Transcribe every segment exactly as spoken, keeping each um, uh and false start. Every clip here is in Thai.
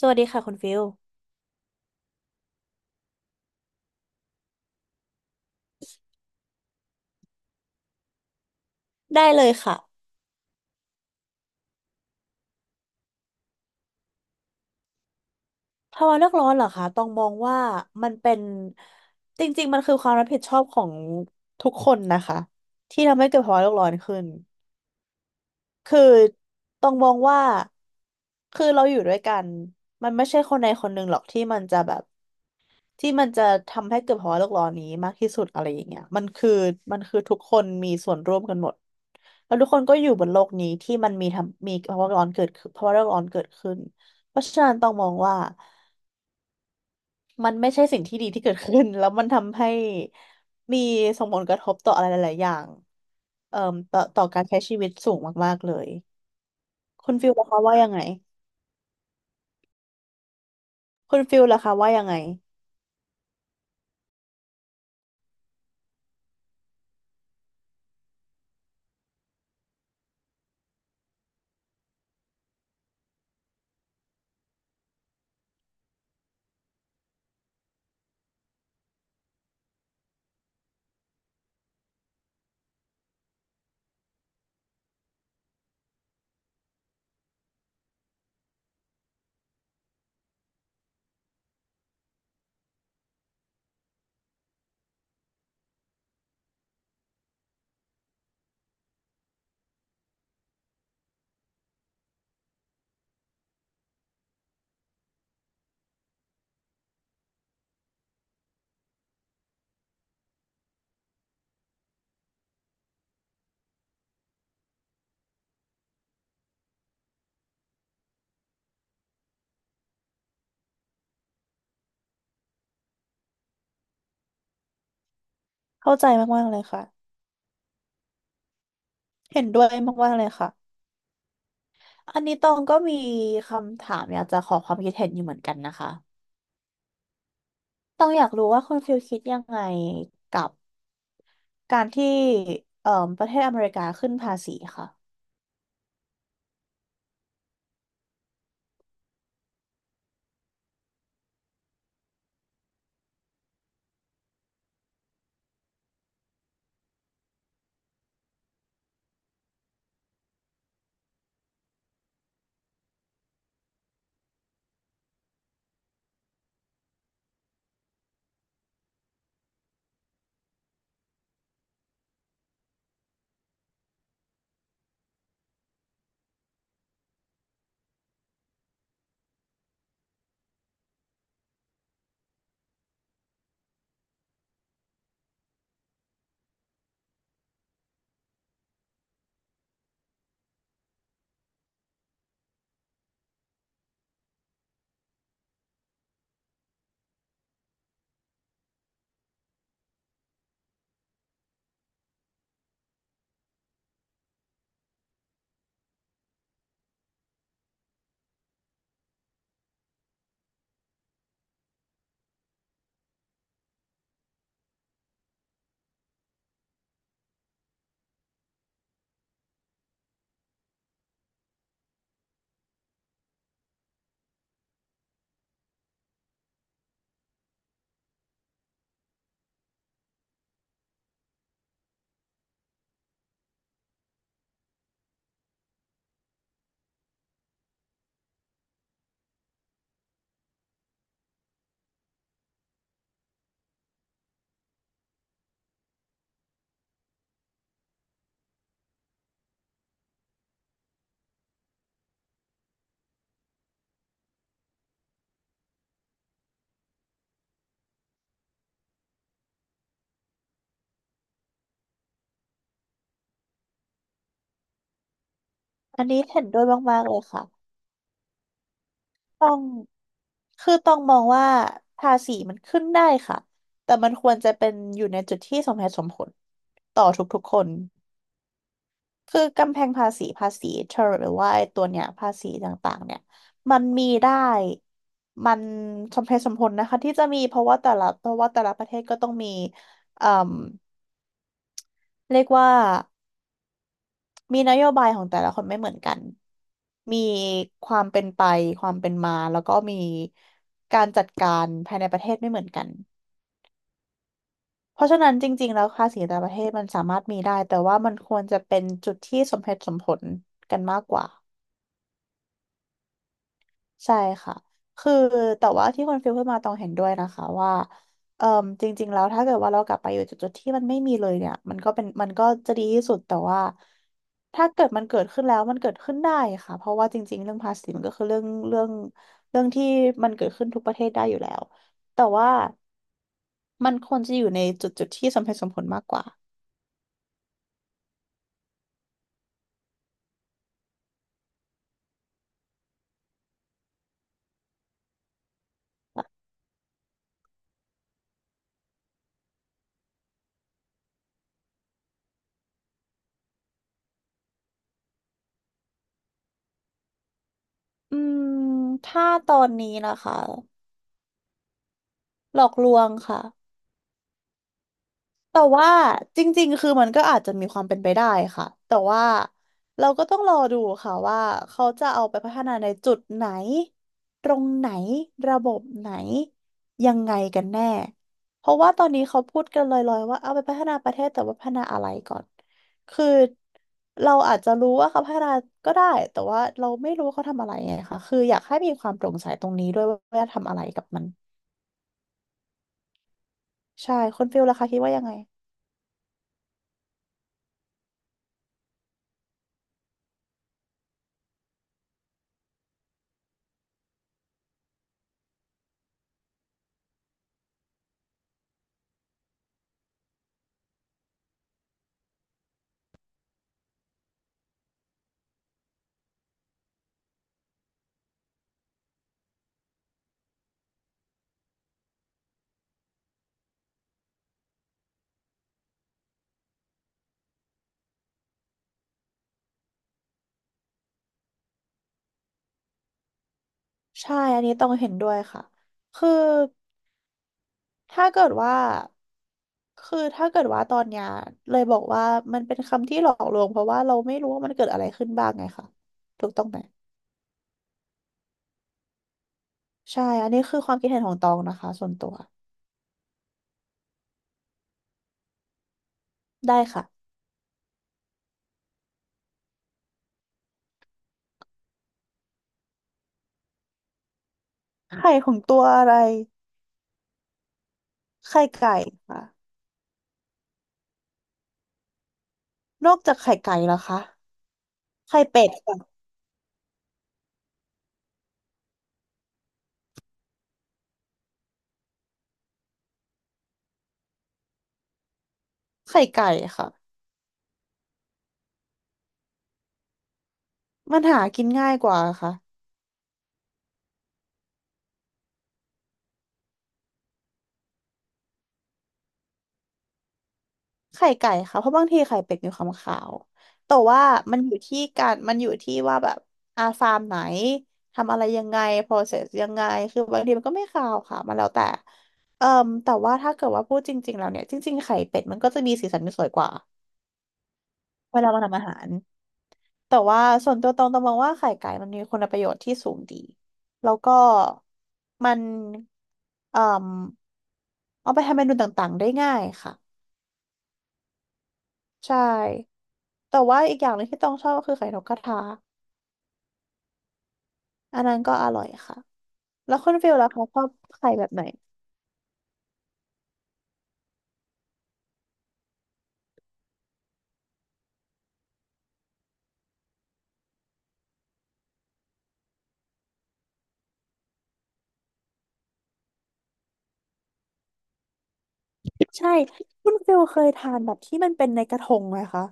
สวัสดีค่ะคุณฟิลได้เลยค่ะภาวะโลกร้อนเหรอคะต้องมองว่ามันเป็นจริงๆมันคือความรับผิดชอบของทุกคนนะคะที่ทำให้เกิดภาวะโลกร้อนขึ้นคือต้องมองว่าคือเราอยู่ด้วยกันมันไม่ใช่คนใดคนหนึ่งหรอกที่มันจะแบบ ที่มันจะทำให้เกิดภาวะโลกร้อนนี้มากที่สุดอะไรอย่างเงี้ยมันคือมันคือทุกคนมีส่วนร่วมกันหมดแล้วทุกคนก็อยู่บนโลกนี้ที่มันมีทำมีภาวะร้อนเกิดขึ้นภาวะโลกร้อนเกิดขึ้นเพราะฉะนั้นต้องมองว่ามันไม่ใช่สิ่งที่ดีที่เกิดขึ้น แล้วมันทำให้มีส่งผลกระทบต่ออะไรหลายๆอย่างเอ่อต่อต่อการใช้ชีวิตสูงมากๆเลยคุณฟิลล่ะคะว่ายังไงคุณฟิลล่ะคะว่ายังไงเข้าใจมากๆเลยค่ะเห็นด้วยมากๆเลยค่ะ อันนี้ตองก็มีคำถามอยากจะขอความคิดเห็นอยู่เหมือนกันนะคะตองอยากรู้ว่าคุณฟิลคิดยังไงกับการที่เอ่อประเทศอเมริกาขึ้นภาษีค่ะ อันนี้เห็นด้วยมากๆเลยค่ะต้องคือต้องมองว่าภาษีมันขึ้นได้ค่ะ แต่มันควรจะเป็นอยู่ในจุดที่สมเหตุสมผลต่อทุกๆคน คือกำแพงภาษีภาษีเทอร์หรือว่าไอ้ตัวเนี้ยภาษีต่างๆเนี่ยมันมีได้มันสมเหตุสมผลนะคะที่จะมีเพราะว่าแต่ละเพราะว่าแต่ละประเทศก็ต้องมีเอ่มเรียกว่ามีนโยบายของแต่ละคนไม่เหมือนกันมีความเป็นไปความเป็นมาแล้วก็มีการจัดการภายในประเทศไม่เหมือนกันเพราะฉะนั้นจริงๆแล้วภาษีแต่ละประเทศมันสามารถมีได้แต่ว่ามันควรจะเป็นจุดที่สมเหตุสมผลกันมากกว่า ใช่ค่ะ คือแต่ว่าที่คนฟิลพูดมาต้องเห็นด้วยนะคะว่าเอ่มจริงๆแล้วถ้าเกิดว่าเรากลับไปอยู่จุดๆที่มันไม่มีเลยเนี่ยมันก็เป็นมันก็จะดีที่สุดแต่ว่าถ้าเกิดมันเกิดขึ้นแล้วมันเกิดขึ้นได้ค่ะเพราะว่าจริงๆเรื่องภาษีมันก็คือเรื่องเรื่องเรื่องที่มันเกิดขึ้นทุกประเทศได้อยู่แล้วแต่ว่ามันควรจะอยู่ในจุดๆที่สมเหตุสมผลมากกว่าอืมถ้าตอนนี้นะคะหลอกลวงค่ะ แต่ว่าจริงๆ คือมันก็อาจจะมีความเป็นไปได้ค่ะแต่ว่าเราก็ต้องรอดูค่ะว่าเขาจะเอาไปพัฒนาในจุดไหนตรงไหนระบบไหนยังไงกันแน่เพราะว่าตอนนี้เขาพูดกันลอยๆว่าเอาไปพัฒนาประเทศแต่ว่าพัฒนาอะไรก่อนคือเราอาจจะรู้ว่าเขาพัฒนาก็ได้แต่ว่าเราไม่รู้ว่าเขาทำอะไรไงค่ะคืออยากให้มีความโปร่งใสตรงนี้ด้วยว่าจะทำอะไรกับมันใช่คุณฟิลล่ะคะคิดว่ายังไง ใช่อันนี้ต้องเห็นด้วยค่ะ คือถ้าเกิดว่าคือถ้าเกิดว่าตอนเนี้ยเลยบอกว่ามันเป็นคำที่หลอกลวงเพราะว่าเราไม่รู้ว่ามันเกิดอะไรขึ้นบ้างไงค่ะถูกต้องไหมใช่อันนี้คือความคิดเห็นของตองนะคะส่วนตัวได้ค่ะไข่ของตัวอะไรไข่ไก่ค่ะนอกจากไข่ไก่แล้วคะไข่เป็ดค่ะไข่ไก่ค่ะมันหากินง่ายกว่าค่ะ ไข่ไก่ค่ะเพราะบางทีไข่เป็ดมีความขาวแต่ว่ามันอยู่ที่การมันอยู่ที่ว่าแบบอาฟาร์มไหนทำอะไรยังไง process ยังไงคือบางทีมันก็ไม่ขาวค่ะมันแล้วแต่เอ่อแต่ว่าถ้าเกิดว่าพูดจริงๆแล้วเนี่ยจริงๆไข่เป็ดมันก็จะมีสีสันที่สวยกว่าเวลามาทำอาหารแต่ว่าส่วนตัวตองตองมองว่าไข่ไก่มันมีคุณประโยชน์ที่สูงดีแล้วก็มันเอ่อเอาไปทำเมนูต่างๆได้ง่ายค่ะ ใช่แต่ว่าอีกอย่างหนึ่งที่ต้องชอบก็คือไข่นกกระทาอันนั้นก็อร่อยค่ะแล้วคุณฟิลล่ะคะชอบไข่แบบไหน ใช่ คุณฟิลเคยทานแบบที่มันเป็นในกระทงไหมคะ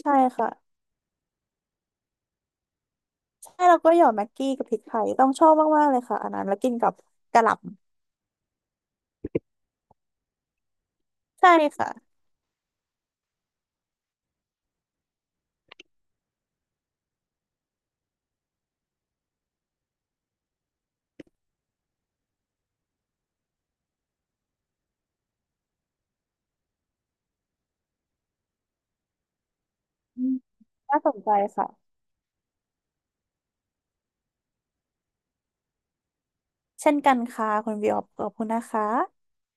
ใช่ค่ะใช่แล้วก็หยอดแม็กกี้กับพริกไทยต้องชอบมากๆเลยค่ะอันนั้นแล้วกินกับกะหล่ำใช่ค่ะอืมน่าสนใจค่ะ เช่นกันค่ะคุณวิวขอบคุณนะคะ